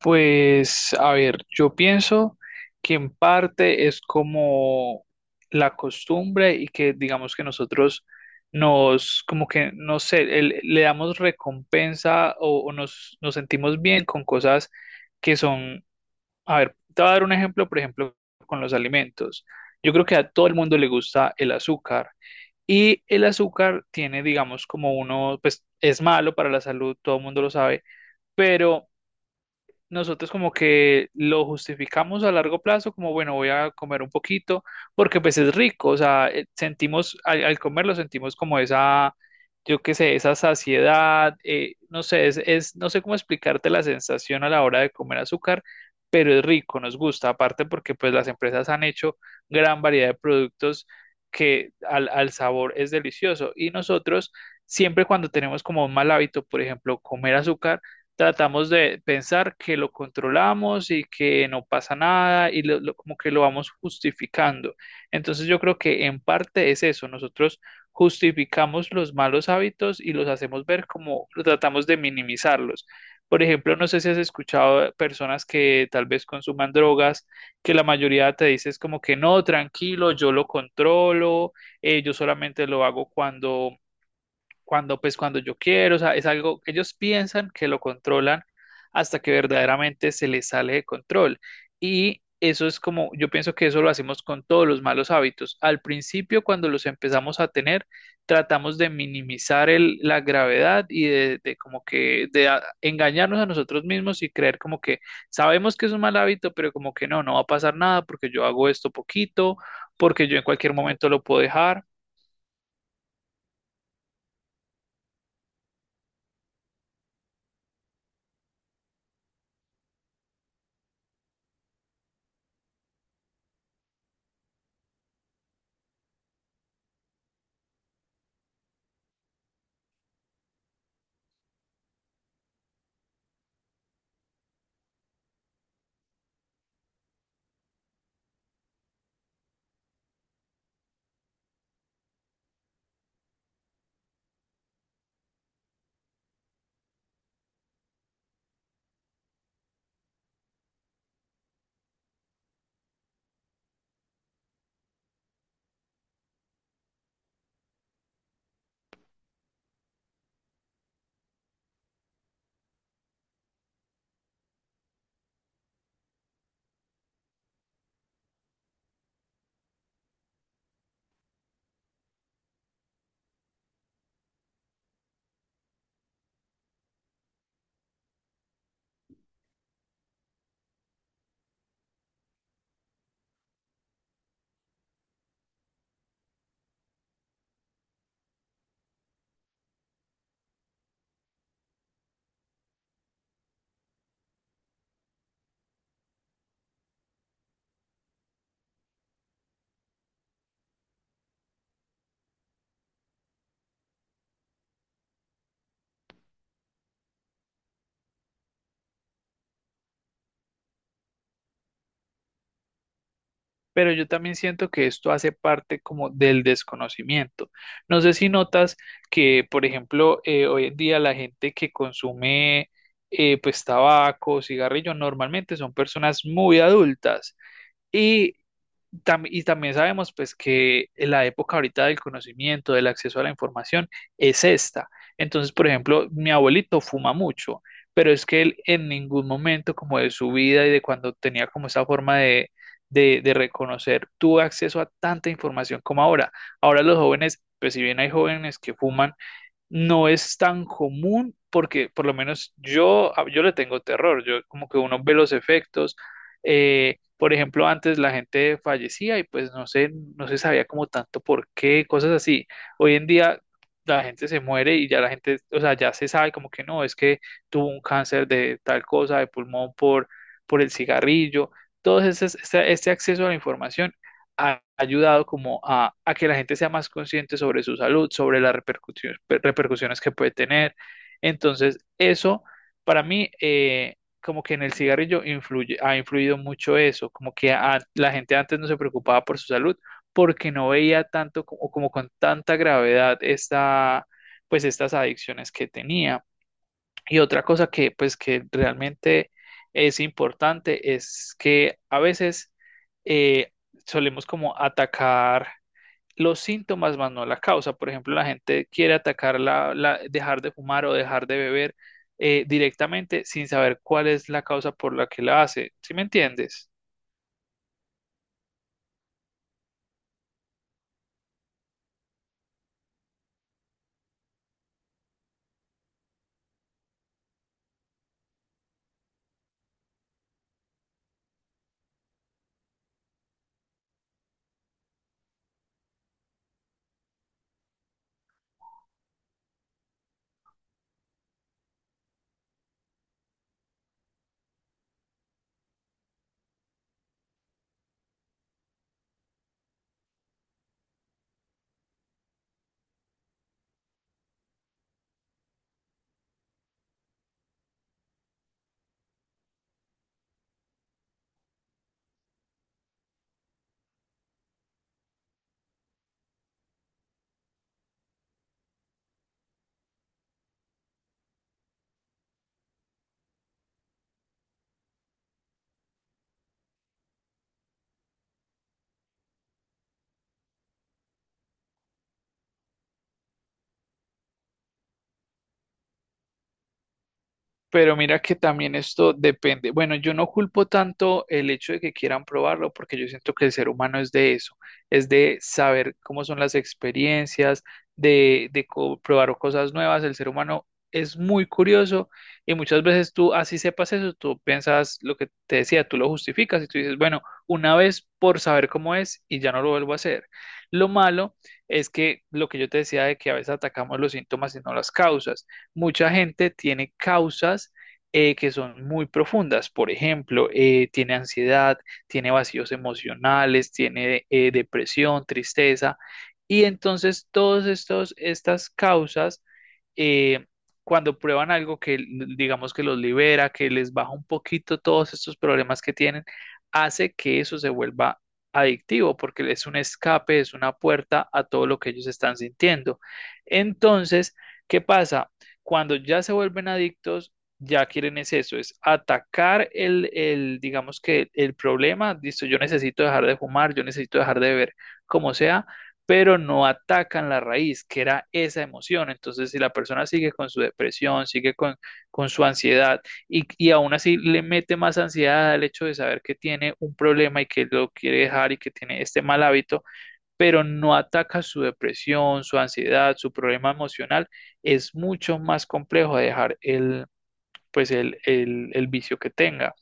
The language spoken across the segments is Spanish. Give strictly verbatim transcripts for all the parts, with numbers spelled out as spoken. Pues, a ver, yo pienso que en parte es como la costumbre y que digamos que nosotros nos, como que, no sé, el- le damos recompensa o, o nos, nos sentimos bien con cosas que son, a ver, te voy a dar un ejemplo, por ejemplo, con los alimentos. Yo creo que a todo el mundo le gusta el azúcar y el azúcar tiene, digamos, como uno, pues es malo para la salud, todo el mundo lo sabe, pero nosotros como que lo justificamos a largo plazo, como bueno, voy a comer un poquito, porque pues es rico, o sea, eh, sentimos, al, al comerlo sentimos como esa, yo qué sé, esa saciedad, eh, no sé, es, es, no sé cómo explicarte la sensación a la hora de comer azúcar, pero es rico, nos gusta, aparte porque pues las empresas han hecho gran variedad de productos que al, al sabor es delicioso y nosotros siempre cuando tenemos como un mal hábito, por ejemplo, comer azúcar, tratamos de pensar que lo controlamos y que no pasa nada y lo- lo- como que lo vamos justificando. Entonces yo creo que en parte es eso, nosotros justificamos los malos hábitos y los hacemos ver como tratamos de minimizarlos. Por ejemplo, no sé si has escuchado de personas que tal vez consuman drogas, que la mayoría te dice es como que no, tranquilo, yo lo controlo, eh, yo solamente lo hago cuando cuando pues cuando yo quiero, o sea, es algo, ellos piensan que lo controlan hasta que verdaderamente se les sale de control. Y eso es como, yo pienso que eso lo hacemos con todos los malos hábitos. Al principio, cuando los empezamos a tener, tratamos de minimizar el- la gravedad y de, de como que de a- engañarnos a nosotros mismos y creer como que sabemos que es un mal hábito, pero como que no, no va a pasar nada porque yo hago esto poquito, porque yo en cualquier momento lo puedo dejar. Pero yo también siento que esto hace parte como del desconocimiento. No sé si notas que, por ejemplo, eh, hoy en día la gente que consume eh, pues tabaco, cigarrillo, normalmente son personas muy adultas y tam- y también sabemos pues que la época ahorita del conocimiento, del acceso a la información es esta. Entonces, por ejemplo, mi abuelito fuma mucho, pero es que él en ningún momento como de su vida y de cuando tenía como esa forma de, de, de reconocer, tuvo acceso a tanta información como ahora. Ahora los jóvenes, pues si bien hay jóvenes que fuman, no es tan común porque por lo menos yo, yo le tengo terror, yo como que uno ve los efectos. eh, por ejemplo, antes la gente fallecía y pues no sé, no se sabía como tanto por qué, cosas así. Hoy en día la gente se muere y ya la gente, o sea, ya se sabe como que no, es que tuvo un cáncer de tal cosa, de pulmón por, por el cigarrillo. Todo ese, este, este acceso a la información ha ayudado como a, a que la gente sea más consciente sobre su salud, sobre las repercusiones, repercusiones que puede tener. Entonces, eso para mí, eh, como que en el cigarrillo influye, ha influido mucho eso, como que a- la gente antes no se preocupaba por su salud porque no veía tanto co- o como con tanta gravedad esta, pues estas adicciones que tenía. Y otra cosa que pues que realmente es importante es que a veces eh, solemos como atacar los síntomas más no la causa. Por ejemplo, la gente quiere atacar la, la- dejar de fumar o dejar de beber, eh, directamente sin saber cuál es la causa por la que la hace. ¿Sí me entiendes? Pero mira que también esto depende. Bueno, yo no culpo tanto el hecho de que quieran probarlo, porque yo siento que el ser humano es de eso, es de saber cómo son las experiencias, de, de co- probar cosas nuevas. El ser humano es muy curioso y muchas veces tú, así sepas eso, tú piensas lo que te decía, tú lo justificas y tú dices, bueno, una vez por saber cómo es y ya no lo vuelvo a hacer. Lo malo es que lo que yo te decía de que a veces atacamos los síntomas y no las causas, mucha gente tiene causas eh, que son muy profundas. Por ejemplo, eh, tiene ansiedad, tiene vacíos emocionales, tiene eh, depresión, tristeza. Y entonces todas estas causas, eh, cuando prueban algo que digamos que los libera, que les baja un poquito todos estos problemas que tienen, hace que eso se vuelva adictivo, porque es un escape, es una puerta a todo lo que ellos están sintiendo. Entonces, ¿qué pasa? Cuando ya se vuelven adictos, ya quieren es eso, es atacar el, el digamos que el problema, listo, yo necesito dejar de fumar, yo necesito dejar de beber, como sea, pero no atacan la raíz, que era esa emoción. Entonces, si la persona sigue con su depresión, sigue con, con su ansiedad y, y aún así le mete más ansiedad al hecho de saber que tiene un problema y que lo quiere dejar y que tiene este mal hábito, pero no ataca su depresión, su ansiedad, su problema emocional, es mucho más complejo de dejar el, pues el, el, el vicio que tenga.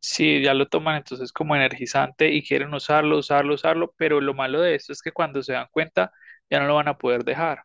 Sí, ya lo toman entonces como energizante y quieren usarlo, usarlo, usarlo, pero lo malo de esto es que cuando se dan cuenta ya no lo van a poder dejar.